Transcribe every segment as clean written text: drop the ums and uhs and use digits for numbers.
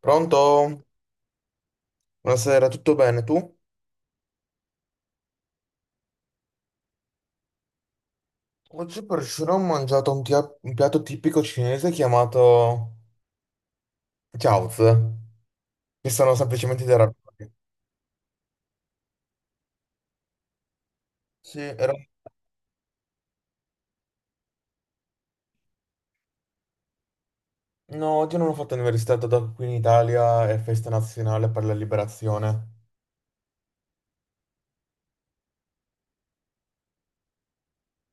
Pronto? Buonasera, tutto bene tu? Oggi per cena ho mangiato un piatto tipico cinese chiamato Chaozi, che sono semplicemente dei ravioli. Sì, era... No, oggi non ho fatto l'università, dato che qui in Italia è festa nazionale per la liberazione.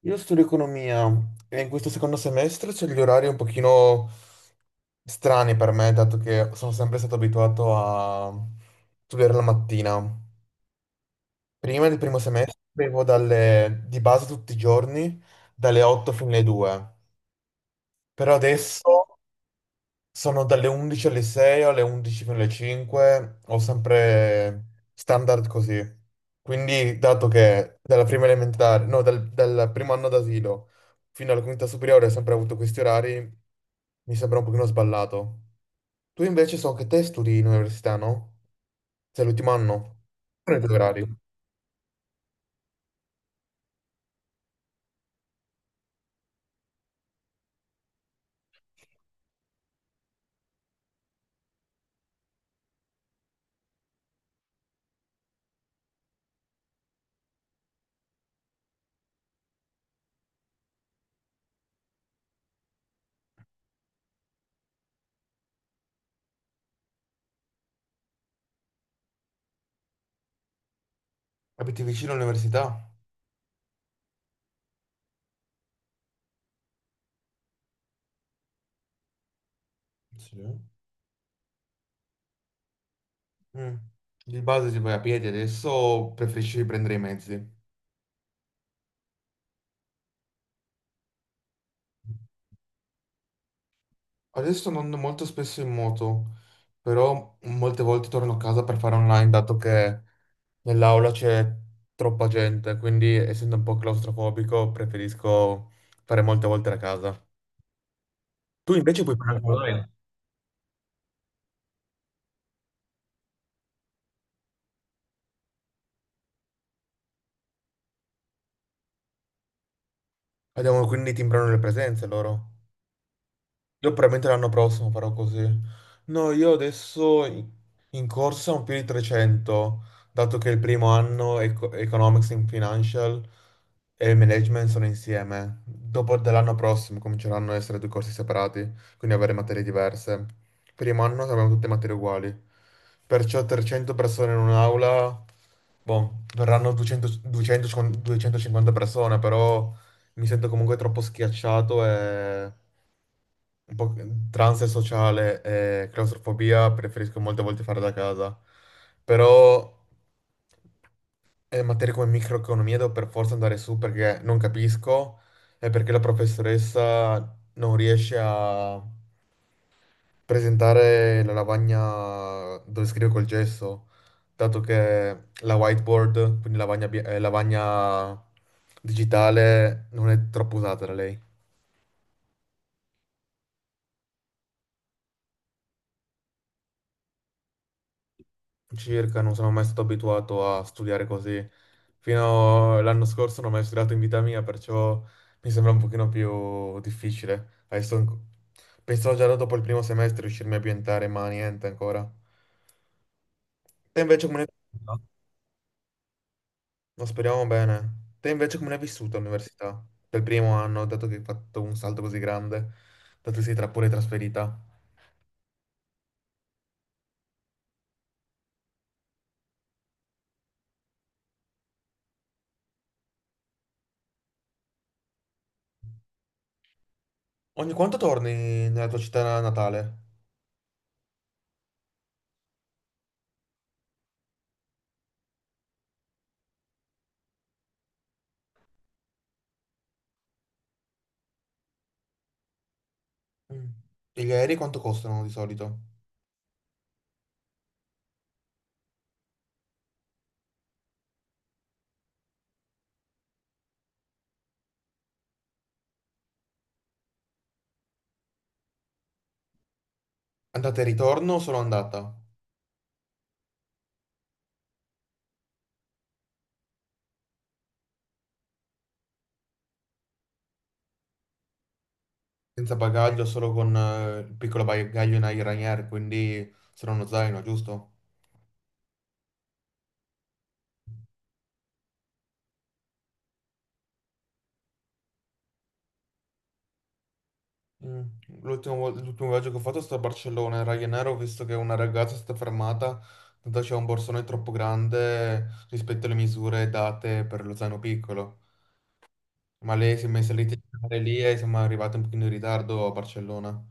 Io studio economia e in questo secondo semestre c'è gli orari un pochino strani per me, dato che sono sempre stato abituato a studiare la mattina. Prima del primo semestre avevo dalle, di base tutti i giorni dalle 8 fino alle 2, però adesso sono dalle 11 alle 6 o alle 11 fino alle 5, ho sempre standard così. Quindi, dato che dalla prima elementare, no, dal primo anno d'asilo fino alla quinta superiore ho sempre avuto questi orari, mi sembra un pochino sballato. Tu invece so che te studi in università, no? Sei l'ultimo anno? Sono i tuoi orari? Abiti vicino all'università? Sì. Mm. Di base si vai a piedi, adesso preferisci prendere i mezzi. Adesso non ando molto spesso in moto, però molte volte torno a casa per fare online, dato che nell'aula c'è troppa gente, quindi essendo un po' claustrofobico preferisco fare molte volte a casa. Tu invece puoi fare anche online. Abbiamo quindi timbrano le presenze loro. Io probabilmente l'anno prossimo farò così. No, io adesso in corsa ho più di 300, dato che il primo anno Economics and Financial e Management sono insieme. Dopo dell'anno prossimo cominceranno a essere due corsi separati, quindi avere materie diverse. Primo anno abbiamo tutte materie uguali. Perciò 300 persone in un'aula, boh, verranno 200 250 persone, però mi sento comunque troppo schiacciato e un po' tra ansia sociale e claustrofobia preferisco molte volte fare da casa. Però materie come microeconomia devo per forza andare su perché non capisco e perché la professoressa non riesce a presentare la lavagna dove scrive col gesso, dato che la whiteboard, quindi lavagna digitale, non è troppo usata da lei. Circa, non sono mai stato abituato a studiare così. Fino all'anno scorso non ho mai studiato in vita mia, perciò mi sembra un pochino più difficile. Pensavo già dopo il primo semestre riuscirmi a ambientare, ma niente ancora. Te invece come ne hai vissuta? Ma speriamo bene. Te invece come ne hai vissuta all'università? Per il primo anno, dato che hai fatto un salto così grande, dato che sei tra pure trasferita. Ogni quanto torni nella tua città natale? Mm. Gli aerei quanto costano di solito? Andata e ritorno, solo andata, senza bagaglio, solo con il piccolo bagaglio in Ryanair, quindi solo uno zaino, giusto? Mm. L'ultimo viaggio che ho fatto è stato a Barcellona, in Ryanair ho visto che una ragazza è stata fermata, tanto c'era un borsone troppo grande rispetto alle misure date per lo zaino piccolo, ma lei si è messa lì a cercare lì e siamo arrivati un pochino in ritardo a Barcellona.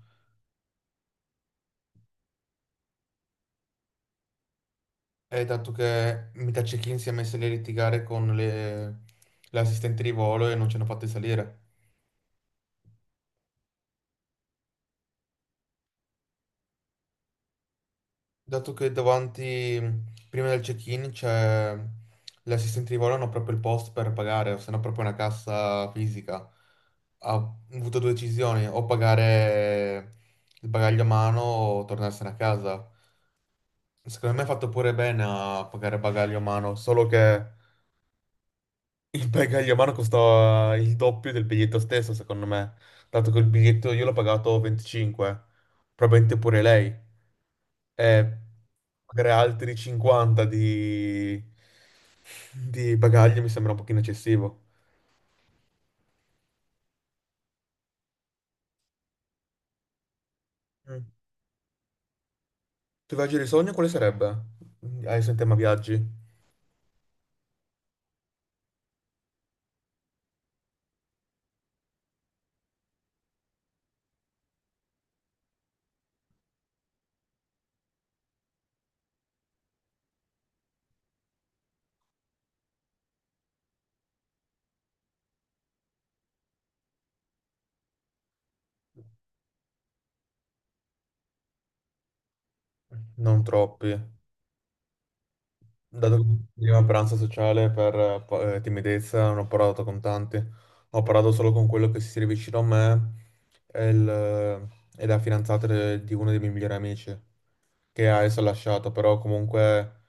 E dato che metà check-in si è messa lì a litigare con le assistenti di volo e non ci hanno fatti salire. Dato che davanti, prima del check-in, c'è l'assistente di volo, hanno proprio il post per pagare, o se no proprio una cassa fisica. Ha avuto due decisioni, o pagare il bagaglio a mano o tornarsene a casa. Secondo me ha fatto pure bene a pagare bagaglio a mano, solo che il bagaglio a mano costava il doppio del biglietto stesso, secondo me. Dato che il biglietto io l'ho pagato 25, probabilmente pure lei. E pagare altri 50 di bagaglio mi sembra un pochino eccessivo. Mm. Il tuo viaggio di sogno quale sarebbe? Adesso in tema viaggi, non troppi. Dato che prima pranzo sociale per timidezza non ho parlato con tanti, ho parlato solo con quello che si siede vicino a me e, il, eh, e la fidanzata di uno dei miei migliori amici che adesso ha lasciato, però comunque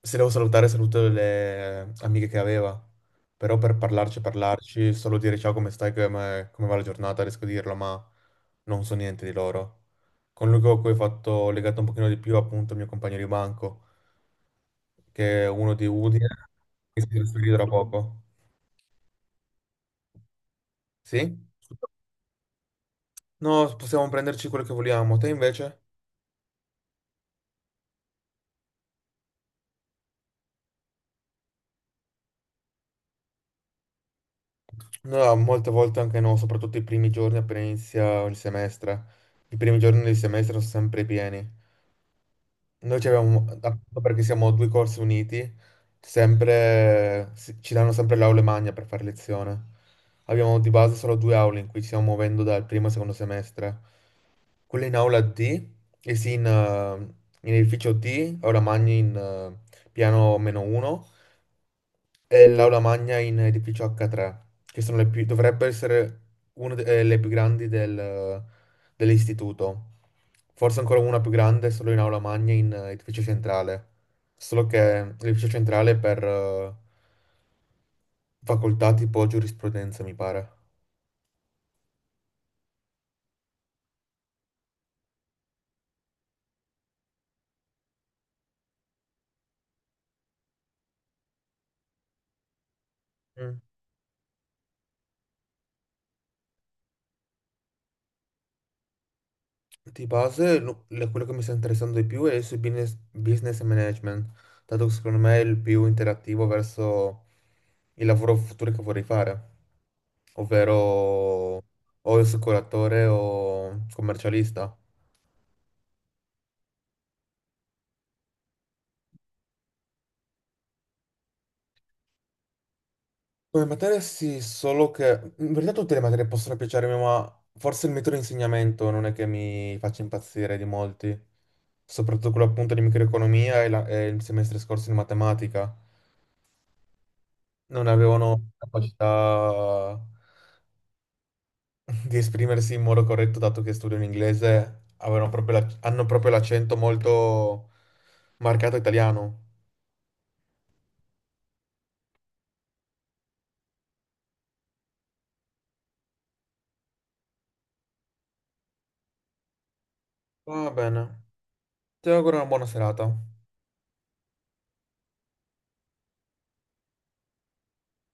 se devo salutare saluto le amiche che aveva, però per parlarci parlarci, solo dire ciao come stai, come va la giornata, riesco a dirlo, ma non so niente di loro. Con lui con cui ho fatto legato un pochino di più appunto il mio compagno di banco che è uno di Udine, che si trasferì da poco. Sì? No, possiamo prenderci quello che vogliamo. Te invece? No, molte volte anche no, soprattutto i primi giorni appena inizia il semestre. I primi giorni del semestre sono sempre pieni. Noi ci avevamo, appunto perché siamo due corsi uniti, sempre, ci danno sempre l'aula e magna per fare lezione. Abbiamo di base solo due aule in cui ci stiamo muovendo dal primo e secondo semestre. Quella in aula D, e sì in edificio D, aula magna in piano meno 1, è l'aula magna in edificio H3, che sono le più, dovrebbe essere una delle più grandi dell'istituto. Forse ancora una più grande, solo in aula magna in edificio centrale. Solo che l'edificio centrale è per facoltà tipo giurisprudenza, mi pare. Mm. Di base, quello che mi sta interessando di più è il business, business management, dato che secondo me è il più interattivo verso il lavoro futuro che vorrei fare, ovvero o assicuratore o commercialista. Come materia sì, solo che in verità tutte le materie possono piacermi, ma forse il metodo di insegnamento non è che mi faccia impazzire di molti, soprattutto quello appunto di microeconomia e il semestre scorso di matematica. Non avevano capacità di esprimersi in modo corretto, dato che studiano inglese, hanno proprio l'accento molto marcato italiano. Va bene, ti auguro una buona serata.